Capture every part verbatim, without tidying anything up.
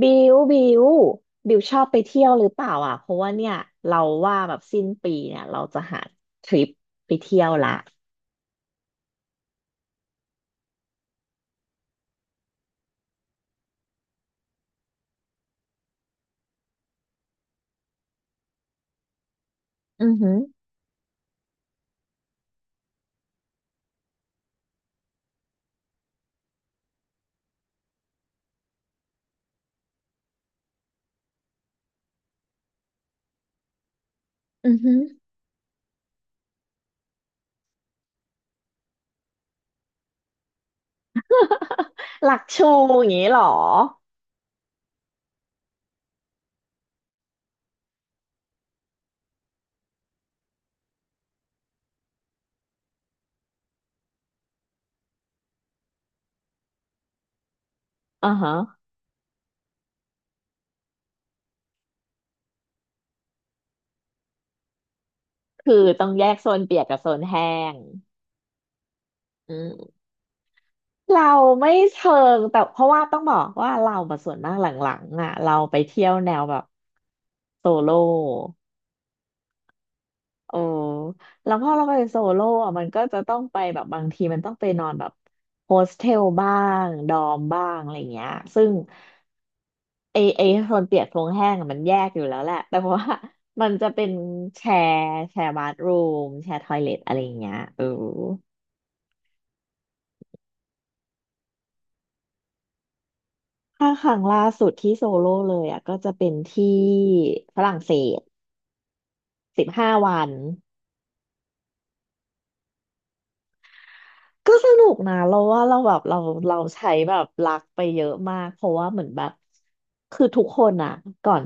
บิวบิวบิวชอบไปเที่ยวหรือเปล่าอ่ะเพราะว่าเนี่ยเราว่าแบบสิ้นปีเนี่ยเราจะหาทริปไปเที่ยวละอือหืออือหือหลักชูอย่างนี้เหรออ่าฮะคือต้องแยกโซนเปียกกับโซนแห้งอืมเราไม่เชิงแต่เพราะว่าต้องบอกว่าเรามาส่วนมากหลังๆอ่ะเราไปเที่ยวแนวแบบโซโล่ โอ้แล้วพอเราไปโซโล่อะมันก็จะต้องไปแบบบางทีมันต้องไปนอนแบบโฮสเทลบ้างดอมบ้างอะไรเงี้ยซึ่งไอไอโซนเปียกโซนแห้งอะมันแยกอยู่แล้วแหละ แต่ว่ามันจะเป็นแชร์แชร์บัธรูมแชร์ทอยเลทอะไรเงี้ยเออถ้าครั้งล่าสุดที่โซโล่เลยอ่ะก็จะเป็นที่ฝรั่งเศสสิบห้าวัน ก็สนุกนะเราว่าเราแบบเราเราใช้แบบรักไปเยอะมากเพราะว่าเหมือนแบบคือทุกคนอ่ะก่อน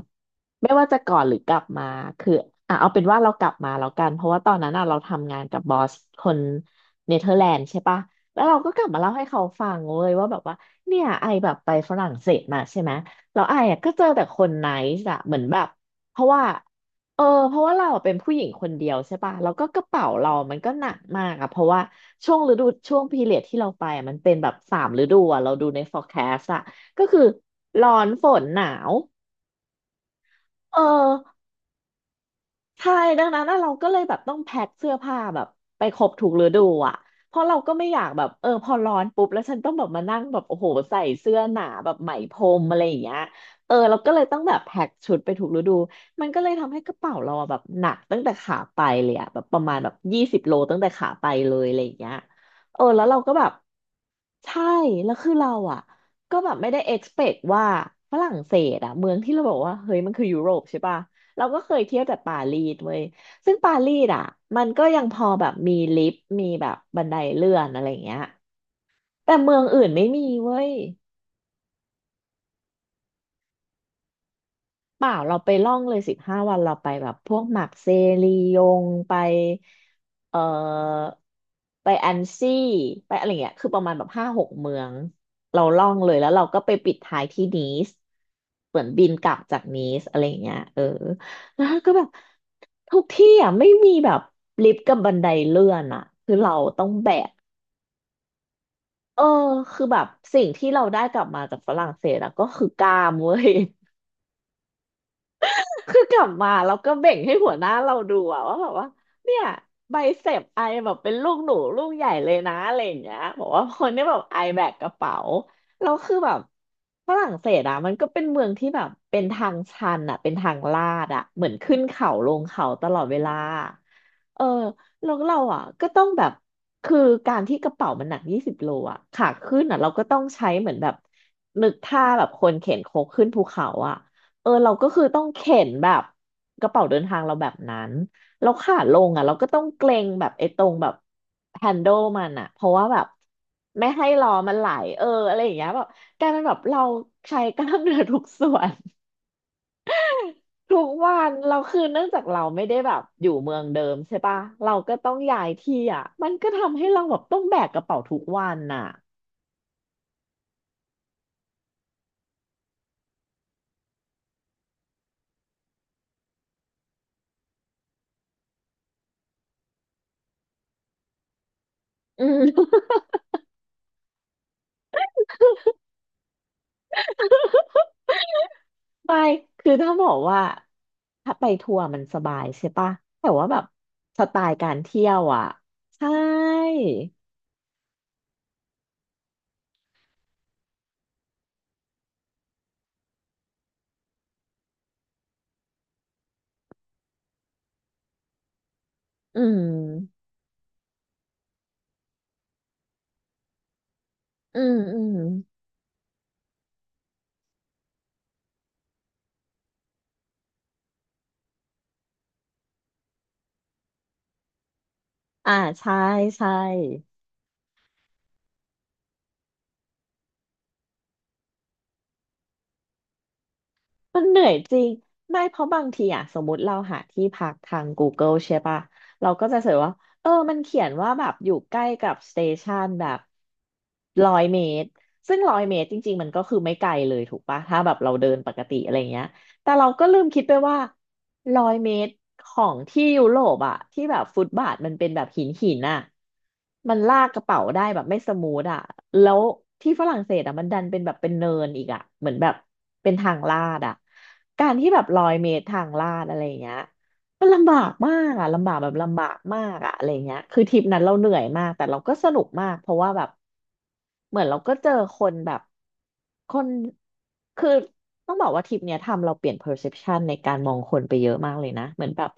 ไม่ว่าจะก่อนหรือกลับมาคืออ่ะเอาเป็นว่าเรากลับมาแล้วกันเพราะว่าตอนนั้นอ่ะเราทำงานกับบอสคนเนเธอร์แลนด์ใช่ปะแล้วเราก็กลับมาเล่าให้เขาฟังเว้ยว่าแบบว่าเนี่ยไอแบบไปฝรั่งเศสมาใช่ไหมแล้วไออ่ะก็เจอแต่คนไนซ์อะเหมือนแบบเพราะว่า เออเพราะว่าเราเป็นผู้หญิงคนเดียวใช่ป่ะแล้วก็กระเป๋าเรามันก็หนักมากอะเพราะว่าช่วงฤดูช่วงพีเรียดที่เราไปอะมันเป็นแบบสามฤดูอะเราดูใน โฟร์แคสต์ อะก็คือร้อนฝนหนาวเออ ใช่ดังนั้นน่ะเราก็เลยแบบต้องแพ็คเสื้อผ้าแบบไปครบถูกฤดูอ่ะเพราะเราก็ไม่อยากแบบเออพอร้อนปุ๊บแล้วฉันต้องแบบมานั่งแบบโอ้โหใส่เสื้อหนาแบบไหมพรมอะไรอย่างเงี้ยเออเราก็เลยต้องแบบแพ็คชุดไปถูกฤดูมันก็เลยทำให้กระเป๋าเราอะแบบหนักตั้งแต่ขาไปเลยอะแบบประมาณแบบยี่สิบโลตั้งแต่ขาไปเลยอะไรอย่างเงี้ยเออแล้วเราก็แบบใช่แล้วคือเราอะก็แบบไม่ได้ expect ว่าฝรั่งเศสอะเมืองที่เราบอกว่าเฮ้ยมันคือยุโรปใช่ปะ เราก็เคยเที่ยวแต่ปารีสเว้ยซึ่งปารีสอ่ะมันก็ยังพอแบบมีลิฟต์มีแบบบันไดเลื่อนอะไรอย่างเงี้ยแต่เมืองอื่นไม่มีเว้ย เปล่าเราไปล่องเลยสิบห้าวันเราไปแบบพวกหมักเซรียงไปเอ่อไปอันซี่ไปอะไรเงี้ยคือประมาณแบบห้าหกเมืองเราล่องเลยแล้วเราก็ไปปิดท้ายที่นีสเหมือนบินกลับจากนีสอะไรเงี้ยเออแล้วก็แบบทุกที่อ่ะไม่มีแบบลิฟต์กับบันไดเลื่อนอ่ะคือเราต้องแบกเออคือแบบสิ่งที่เราได้กลับมาจากฝรั่งเศสอะก็คือกล้ามเว้ย คือกลับมาแล้วก็เบ่งให้หัวหน้าเราดูอะว่าแบบว่าเนี่ยไบเซปไอแบบเป็นลูกหนูลูกใหญ่เลยนะอะไรอย่างเงี้ยบอกว่าคนนี้แบบไอแบกกระเป๋าแล้วคือแบบฝรั่งเศสอะมันก็เป็นเมืองที่แบบเป็นทางชันอะเป็นทางลาดอะเหมือนขึ้นเขาลงเขาตลอดเวลาเออแล้วเราอะก็ต้องแบบคือการที่กระเป๋ามันหนักยี่สิบโลอะขาขึ้นอะเราก็ต้องใช้เหมือนแบบนึกท่าแบบคนเข็นโคกขึ้นภูเขาอะ เออเราก็คือต้องเข็นแบบกระเป๋าเดินทางเราแบบนั้นเราขาลงอ่ะเราก็ต้องเกรงแบบไอ้ตรงแบบแฮนด์ลมันอ่ะเพราะว่าแบบไม่ให้ล้อมันไหลเอออะไรอย่างเงี้ยแบบกลายเป็นแบบเราใช้กล้ามเนื้อทุกส่วน ทุกวันเราคือเนื่องจากเราไม่ได้แบบอยู่เมืองเดิมใช่ปะเราก็ต้องย้ายที่อ่ะมันก็ทำให้เราแบบต้องแบกกระเป๋าทุกวันน่ะอืม ไม่คือถ้าบอกว่าถ้าไปทัวร์มันสบายใช่ปะแต่ว่าแบบสไตล์การเที่ยวอ่ะใช่อืมอืมอืมอ่าใช่ใช่มันเหนื่อยจริงไม่เพราะบางทีอ่ะสมมติเราหาที่พักทาง กูเกิล ใช่ปะเราก็จะเสิร์ชว่าเออมันเขียนว่าแบบอยู่ใกล้กับสเตชันแบบร้อยเมตรซึ่งร้อยเมตรจริงๆมันก็คือไม่ไกลเลยถูกปะถ้าแบบเราเดินปกติอะไรเงี้ย แต่เราก็ลืมคิดไปว่าร้อยเมตรของที่ยุโรปอะที่แบบฟุตบาทมันเป็นแบบหินหินอะมันลากกระเป๋าได้แบบไม่สมูทอะแล้วที่ฝรั่งเศสอะมันดันเป็นแบบเป็นเนินอีกอะเหมือนแบบเป็นทางลาดอะการที่แบบร้อยเมตรทางลาดอะไรอย่างเงี้ย มันลำบากมากอ่ะลำบากแบบลำบากมากอ่ะอะไรเงี้ยคือทริปนั้นเราเหนื่อยมากแต่เราก็สนุกมากเพราะว่าแบบเหมือนเราก็เจอคนแบบคนคือต้องบอกว่าทริปเนี้ยทำเราเปลี่ยน perception ในการมองคนไปเยอะมากเลยนะเหมือนแบบ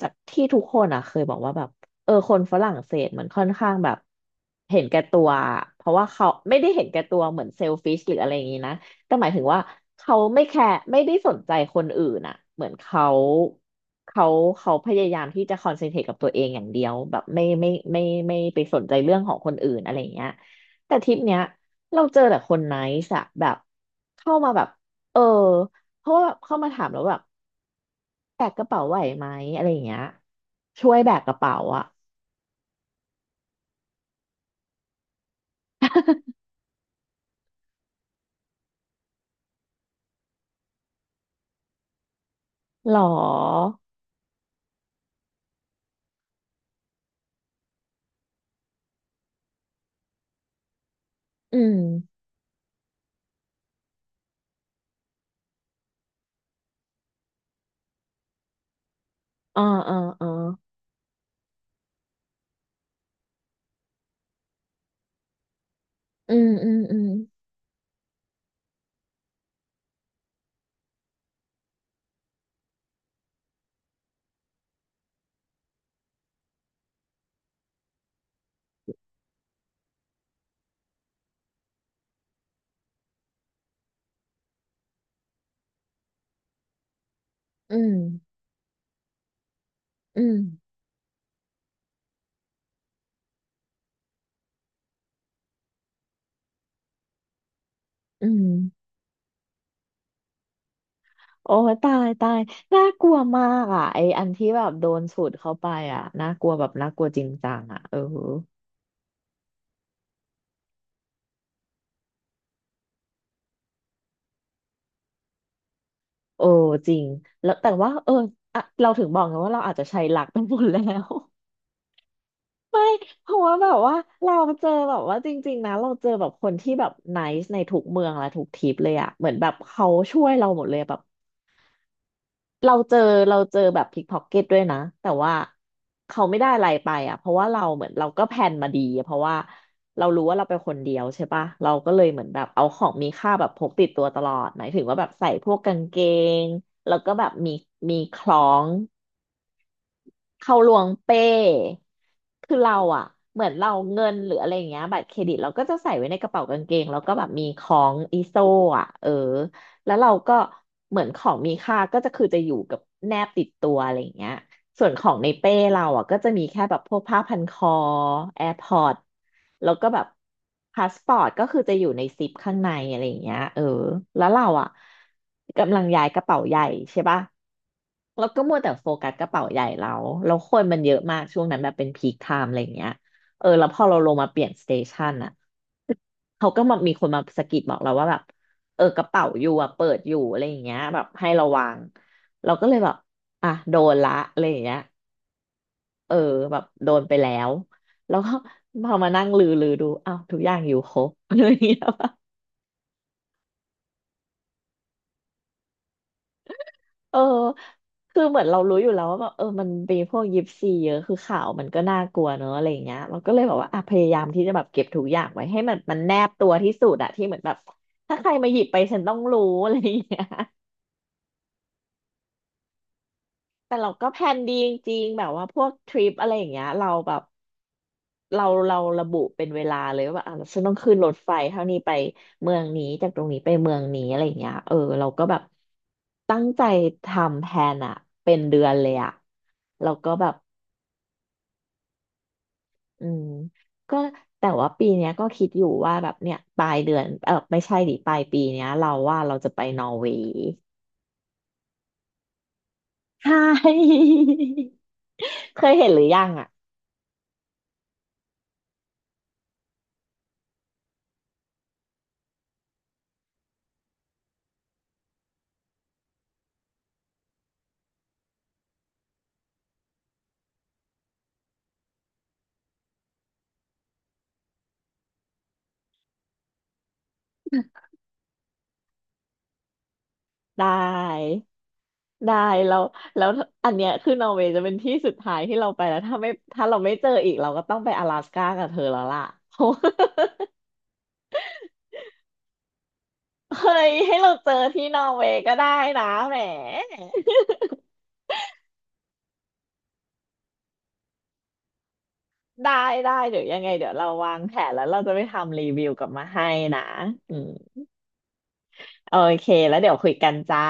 จากที่ทุกคนอ่ะเคยบอกว่าแบบเออคนฝรั่งเศสมันค่อนข้างแบบเห็นแก่ตัวเพราะว่าเขาไม่ได้เห็นแก่ตัวเหมือนเซลฟิชหรืออะไรอย่างงี้นะ แต่หมายถึงว่าเขาไม่แคร์ไม่ได้สนใจคนอื่นอะเหมือนเขาเขาเขาพยายามที่จะคอนเซนเทรตกับตัวเองอย่างเดียวแบบไม่ไม่ไม่ไม่ไม่ไปสนใจเรื่องของคนอื่นอะไรอย่างเงี้ยแต่ทริปเนี้ยเราเจอแต่คนไนซ์อะแบบเข้ามาแบบเออเพราะว่าแบบเข้ามาถามแล้วแบบแบกกระเป๋าไหวไหมอะไรอย่างเงี้ยช่วยแบกกระเป๋าอะหรออืมอ่าอ่าอ่าอืมอืมอืมอืมอืมอืม โอ้ยตายตายน่ากลัวมากอ่ะไออันที่แบบโดนสูดเข้าไปอ่ะน่ากลัวแบบน่ากลัวจริงจังอ่ะเออโอ้จริงแล้วแต่ว่าเอออะเราถึงบอกไงว่าเราอาจจะใช้หลักไปหมดแล้ว เพราะว่าแบบว่าเราเจอแบบว่าจริงๆนะเราเจอแบบคนที่แบบไนซ์ในทุกเมืองและทุกทริปเลยอะเหมือนแบบเขาช่วยเราหมดเลยแบบ เราเจอเราเจอแบบพิกพ็อกเก็ตด้วยนะแต่ว่าเขาไม่ได้อะไรไปอ่ะเพราะว่าเราเหมือนเราก็แพลนมาดีอะเพราะว่าเรารู้ว่าเราเป็นคนเดียวใช่ปะเราก็เลยเหมือนแบบเอาของมีค่าแบบพกติดตัวตลอดหมายถึงว่าแบบใส่พวกกางเกงแล้วก็แบบมีมีคล้อง เขาลวงเป้คือเราอะเหมือนเราเงินหรืออะไรอย่างเงี้ยบัตรเครดิตเราก็จะใส่ไว้ในกระเป๋ากางเกงแล้วก็แบบมีของอีโซอะเออแล้วเราก็เหมือนของมีค่าก็จะคือจะอยู่กับแนบติดตัวอะไรอย่างเงี้ยส่วนของในเป้เราอ่ะก็จะมีแค่แบบพวกผ้าพันคอ แอร์พอดส์ แล้วก็แบบพาสปอร์ตก็คือจะอยู่ในซิปข้างในอะไรอย่างเงี้ยเออแล้วเราอ่ะกำลังย้ายกระเป๋าใหญ่ใช่ปะ แล้วก็มัวแต่โฟกัสกระเป๋าใหญ่เราแล้วคนมันเยอะมากช่วงนั้นแบบเป็นพีคไทม์อะไรอย่างเงี้ยเออแล้วพอเราลงมาเปลี่ยนสเตชันอะเขาก็มามีคนมาสะกิดบอกเราว่าแบบเออกระเป๋าอยู่อะเปิดอยู่อะไรอย่างเงี้ยแบบให้ระวัง เราก็เลยแบบอ่ะโดนละอะไรอย่างเงี้ยเออแบบโดนไปแล้ว แล้วก็พอมานั่งลือลือดูอ้าวทุกอย่างอยู่ครบอะไรอย่างเงี้ย เออคือเหมือนเรารู้อยู่แล้วว่าแบบเออมันมีพวกยิปซีเยอะคือข่าวมันก็น่ากลัวเนอะอะไรอย่างเงี้ยเราก็เลยแบบว่าอ่ะพยายามที่จะแบบเก็บทุกอย่างไว้ให้มันมันแนบตัวที่สุดอะที่เหมือนแบบถ้าใครมาหยิบไปฉันต้องรู้อะไรอย่างเงี้ย แต่เราก็แพลนดีจริงๆแบบว่าพวกทริปอะไรอย่างเงี้ยเราแบบเราเราระบุเป็นเวลาเลยว่าแบบอ่ะฉันต้องขึ้นรถไฟเท่านี้ไปเมืองนี้จากตรงนี้ไปเมืองนี้อะไรอย่างเงี้ยเออเราก็แบบตั้งใจทำแพลนอะเป็นเดือนเลยอะแล้วก็แบบ อืมก็แต่ว่าปีเนี้ยก็คิดอยู่ว่าแบบเนี่ยปลายเดือนเออไม่ใช่ดิปลายปีเนี้ยเราว่าเราจะไปนอร์เวย์ใช่ เคยเห็นหรือยังอ่ะได้ได้แล้วแล้วอันเนี้ยคือนอร์เวย์จะเป็นที่สุดท้ายที่เราไปแล้วถ้าไม่ถ้าเราไม่เจออีกเราก็ต้องไป阿拉斯ก้ากับเธอแล้วล่ะ เฮ้ยให้เราเจอที่นอร์เวย์ก็ได้นะแหม ได้ได้เดี๋ยวยังไงเดี๋ยวเราวางแผนแล้วเราจะไปทำรีวิวกลับมาให้นะอืม โอเคแล้วเดี๋ยวคุยกันจ้า